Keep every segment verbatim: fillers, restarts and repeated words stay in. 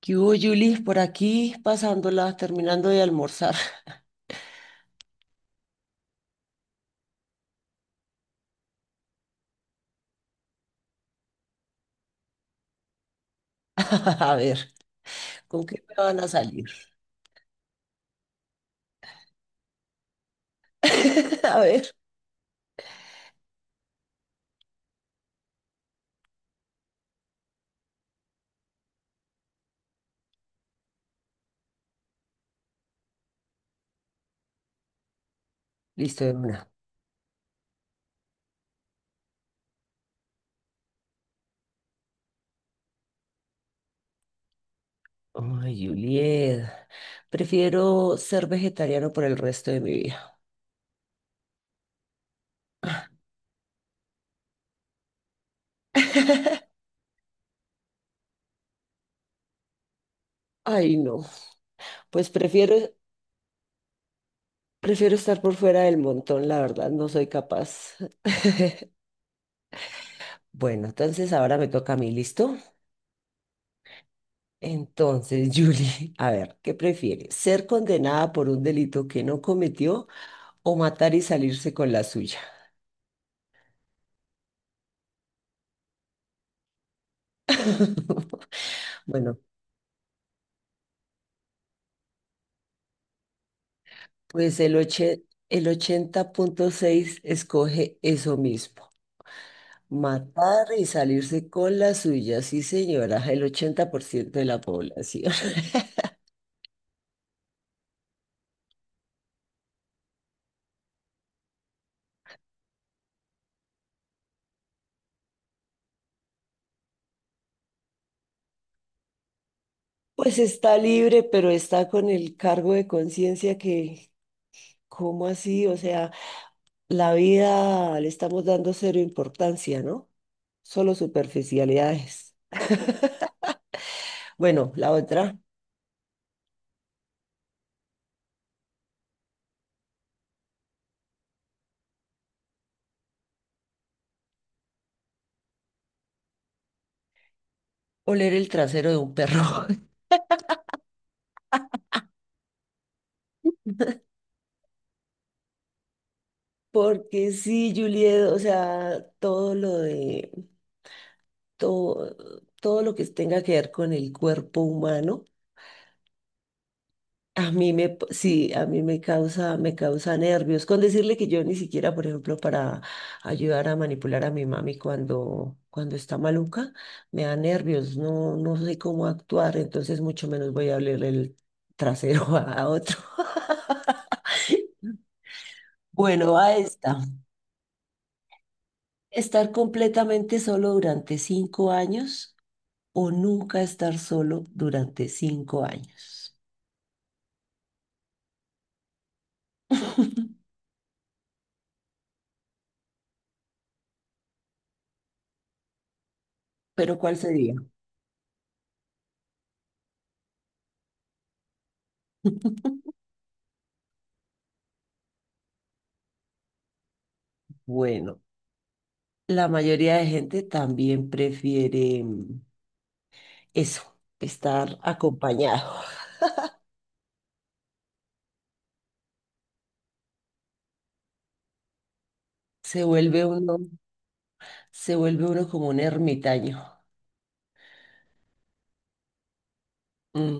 ¿Qué hubo, Julis? Por aquí pasándola, terminando de almorzar. A ver, ¿con qué me van a salir? A ver, listo de una. Ay, Juliet, prefiero ser vegetariano por el resto de mi vida. Ay, no, pues prefiero, prefiero estar por fuera del montón, la verdad, no soy capaz. Bueno, entonces ahora me toca a mí, ¿listo? Entonces, Julie, a ver, ¿qué prefiere? ¿Ser condenada por un delito que no cometió o matar y salirse con la suya? Bueno, pues el oche- el ochenta punto seis escoge eso mismo. Matar y salirse con la suya, sí señora, el ochenta por ciento de la población. Pues está libre, pero está con el cargo de conciencia que, ¿cómo así? O sea, la vida le estamos dando cero importancia, ¿no? Solo superficialidades. Bueno, la otra, oler el trasero de un perro. Porque sí, Juliet, o sea, todo lo de, todo, todo lo que tenga que ver con el cuerpo humano, a mí me, p- sí, a mí me causa, me causa nervios. Con decirle que yo ni siquiera, por ejemplo, para ayudar a manipular a mi mami cuando, cuando está maluca, me da nervios, no, no sé cómo actuar, entonces mucho menos voy a hablarle el trasero a a otro. Bueno, a esta. Estar completamente solo durante cinco años o nunca estar solo durante cinco años. Pero ¿cuál sería? Bueno, la mayoría de gente también prefiere mm, eso, estar acompañado. Se vuelve uno, se vuelve uno como un ermitaño, mm,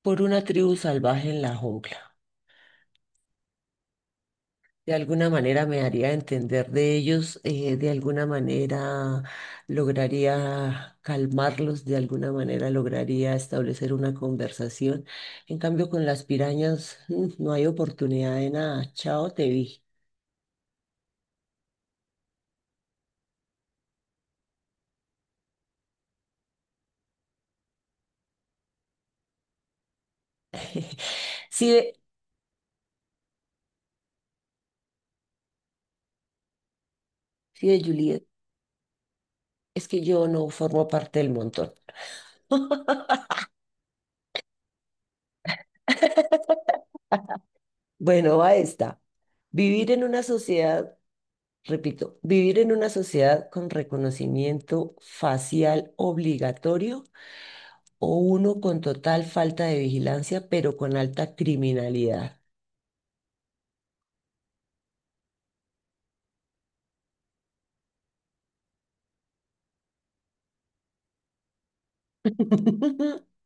por una tribu salvaje en la jungla. De alguna manera me haría entender de ellos, eh, de alguna manera lograría calmarlos, de alguna manera lograría establecer una conversación. En cambio, con las pirañas mm, no hay oportunidad de nada. Chao, te vi. Sí, ve, sí, ve, Juliet, es que yo no formo parte del montón. Bueno, va esta. Vivir en una sociedad, repito, vivir en una sociedad con reconocimiento facial obligatorio o uno con total falta de vigilancia, pero con alta criminalidad.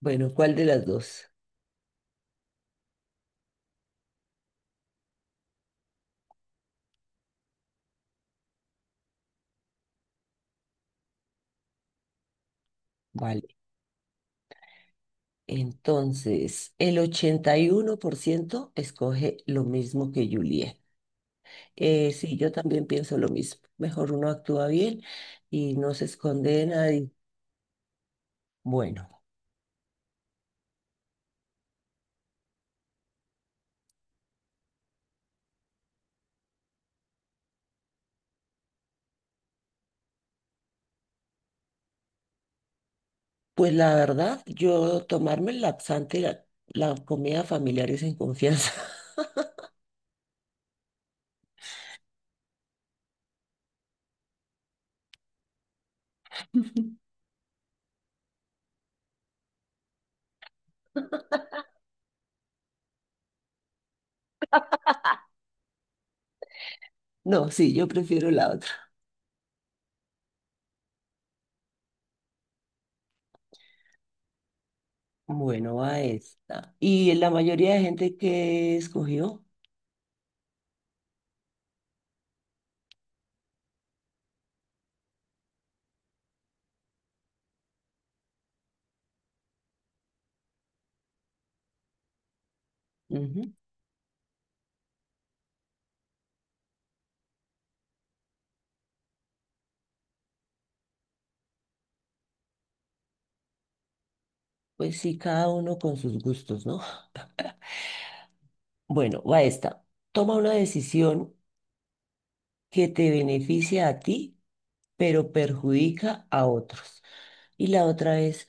Bueno, ¿cuál de las dos? Vale, entonces el ochenta y uno por ciento escoge lo mismo que Juliet. Eh, sí, yo también pienso lo mismo. Mejor uno actúa bien y no se esconde de nadie. Bueno, pues la verdad, yo tomarme el laxante la, la comida familiar es en confianza. No, sí, yo prefiero la otra. Bueno, va esta. Y la mayoría de gente que escogió, ujú. Pues sí, cada uno con sus gustos, ¿no? Bueno, va esta. Toma una decisión que te beneficia a ti, pero perjudica a otros. Y la otra es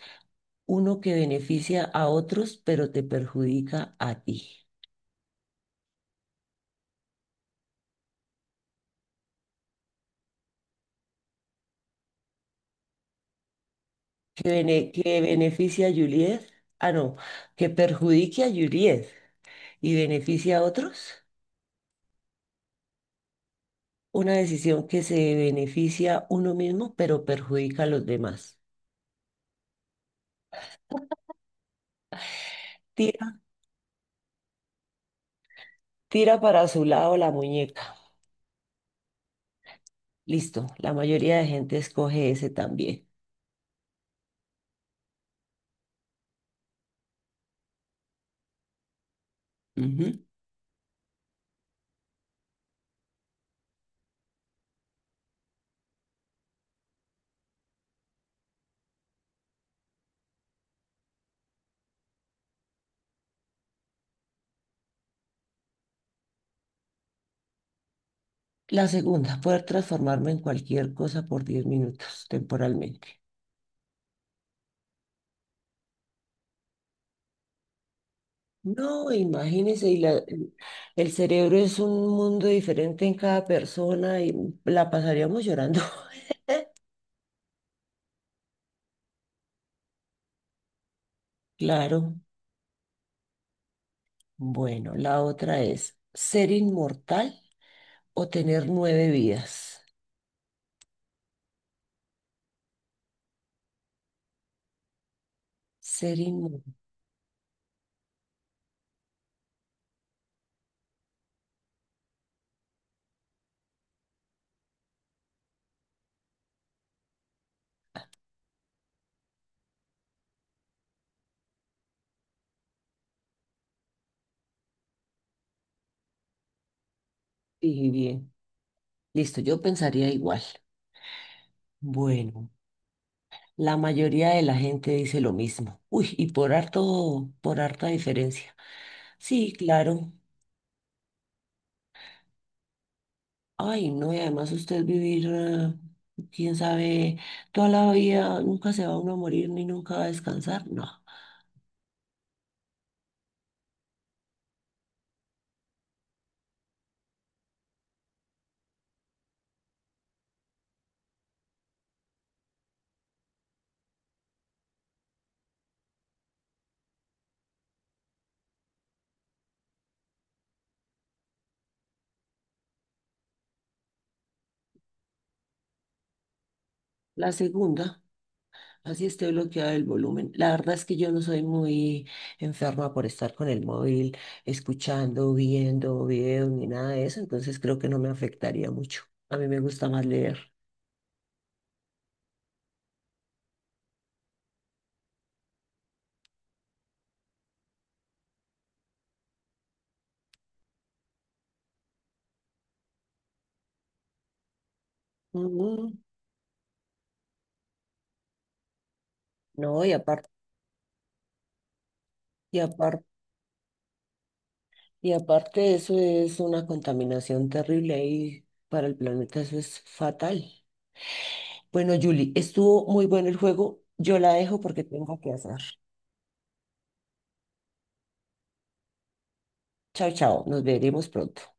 uno que beneficia a otros, pero te perjudica a ti. Que, bene- que beneficia a Juliet. Ah, no, que perjudique a Juliet y beneficia a otros. Una decisión que se beneficia uno mismo, pero perjudica a los demás. Tira, tira para su lado la muñeca. Listo, la mayoría de gente escoge ese también. Ujú. La segunda, poder transformarme en cualquier cosa por diez minutos temporalmente. No, imagínese, y la- el cerebro es un mundo diferente en cada persona y la pasaríamos llorando. Claro, bueno, la otra es ser inmortal o tener nueve vidas. Ser inmune. Dije bien. Listo, yo pensaría igual. Bueno, la mayoría de la gente dice lo mismo. Uy, y por harto, por harta diferencia. Sí, claro. Ay, no, y además usted vivir, eh, quién sabe, toda la vida, nunca se va uno a morir ni nunca va a descansar. No. La segunda. Así esté bloqueado el volumen. La verdad es que yo no soy muy enferma por estar con el móvil, escuchando, viendo videos ni nada de eso, entonces creo que no me afectaría mucho. A mí me gusta más leer. Ujú. No, y aparte, y aparte, y aparte eso es una contaminación terrible ahí para el planeta, eso es fatal. Bueno, Julie, estuvo muy bueno el juego. Yo la dejo porque tengo que hacer. Chao, chao. Nos veremos pronto.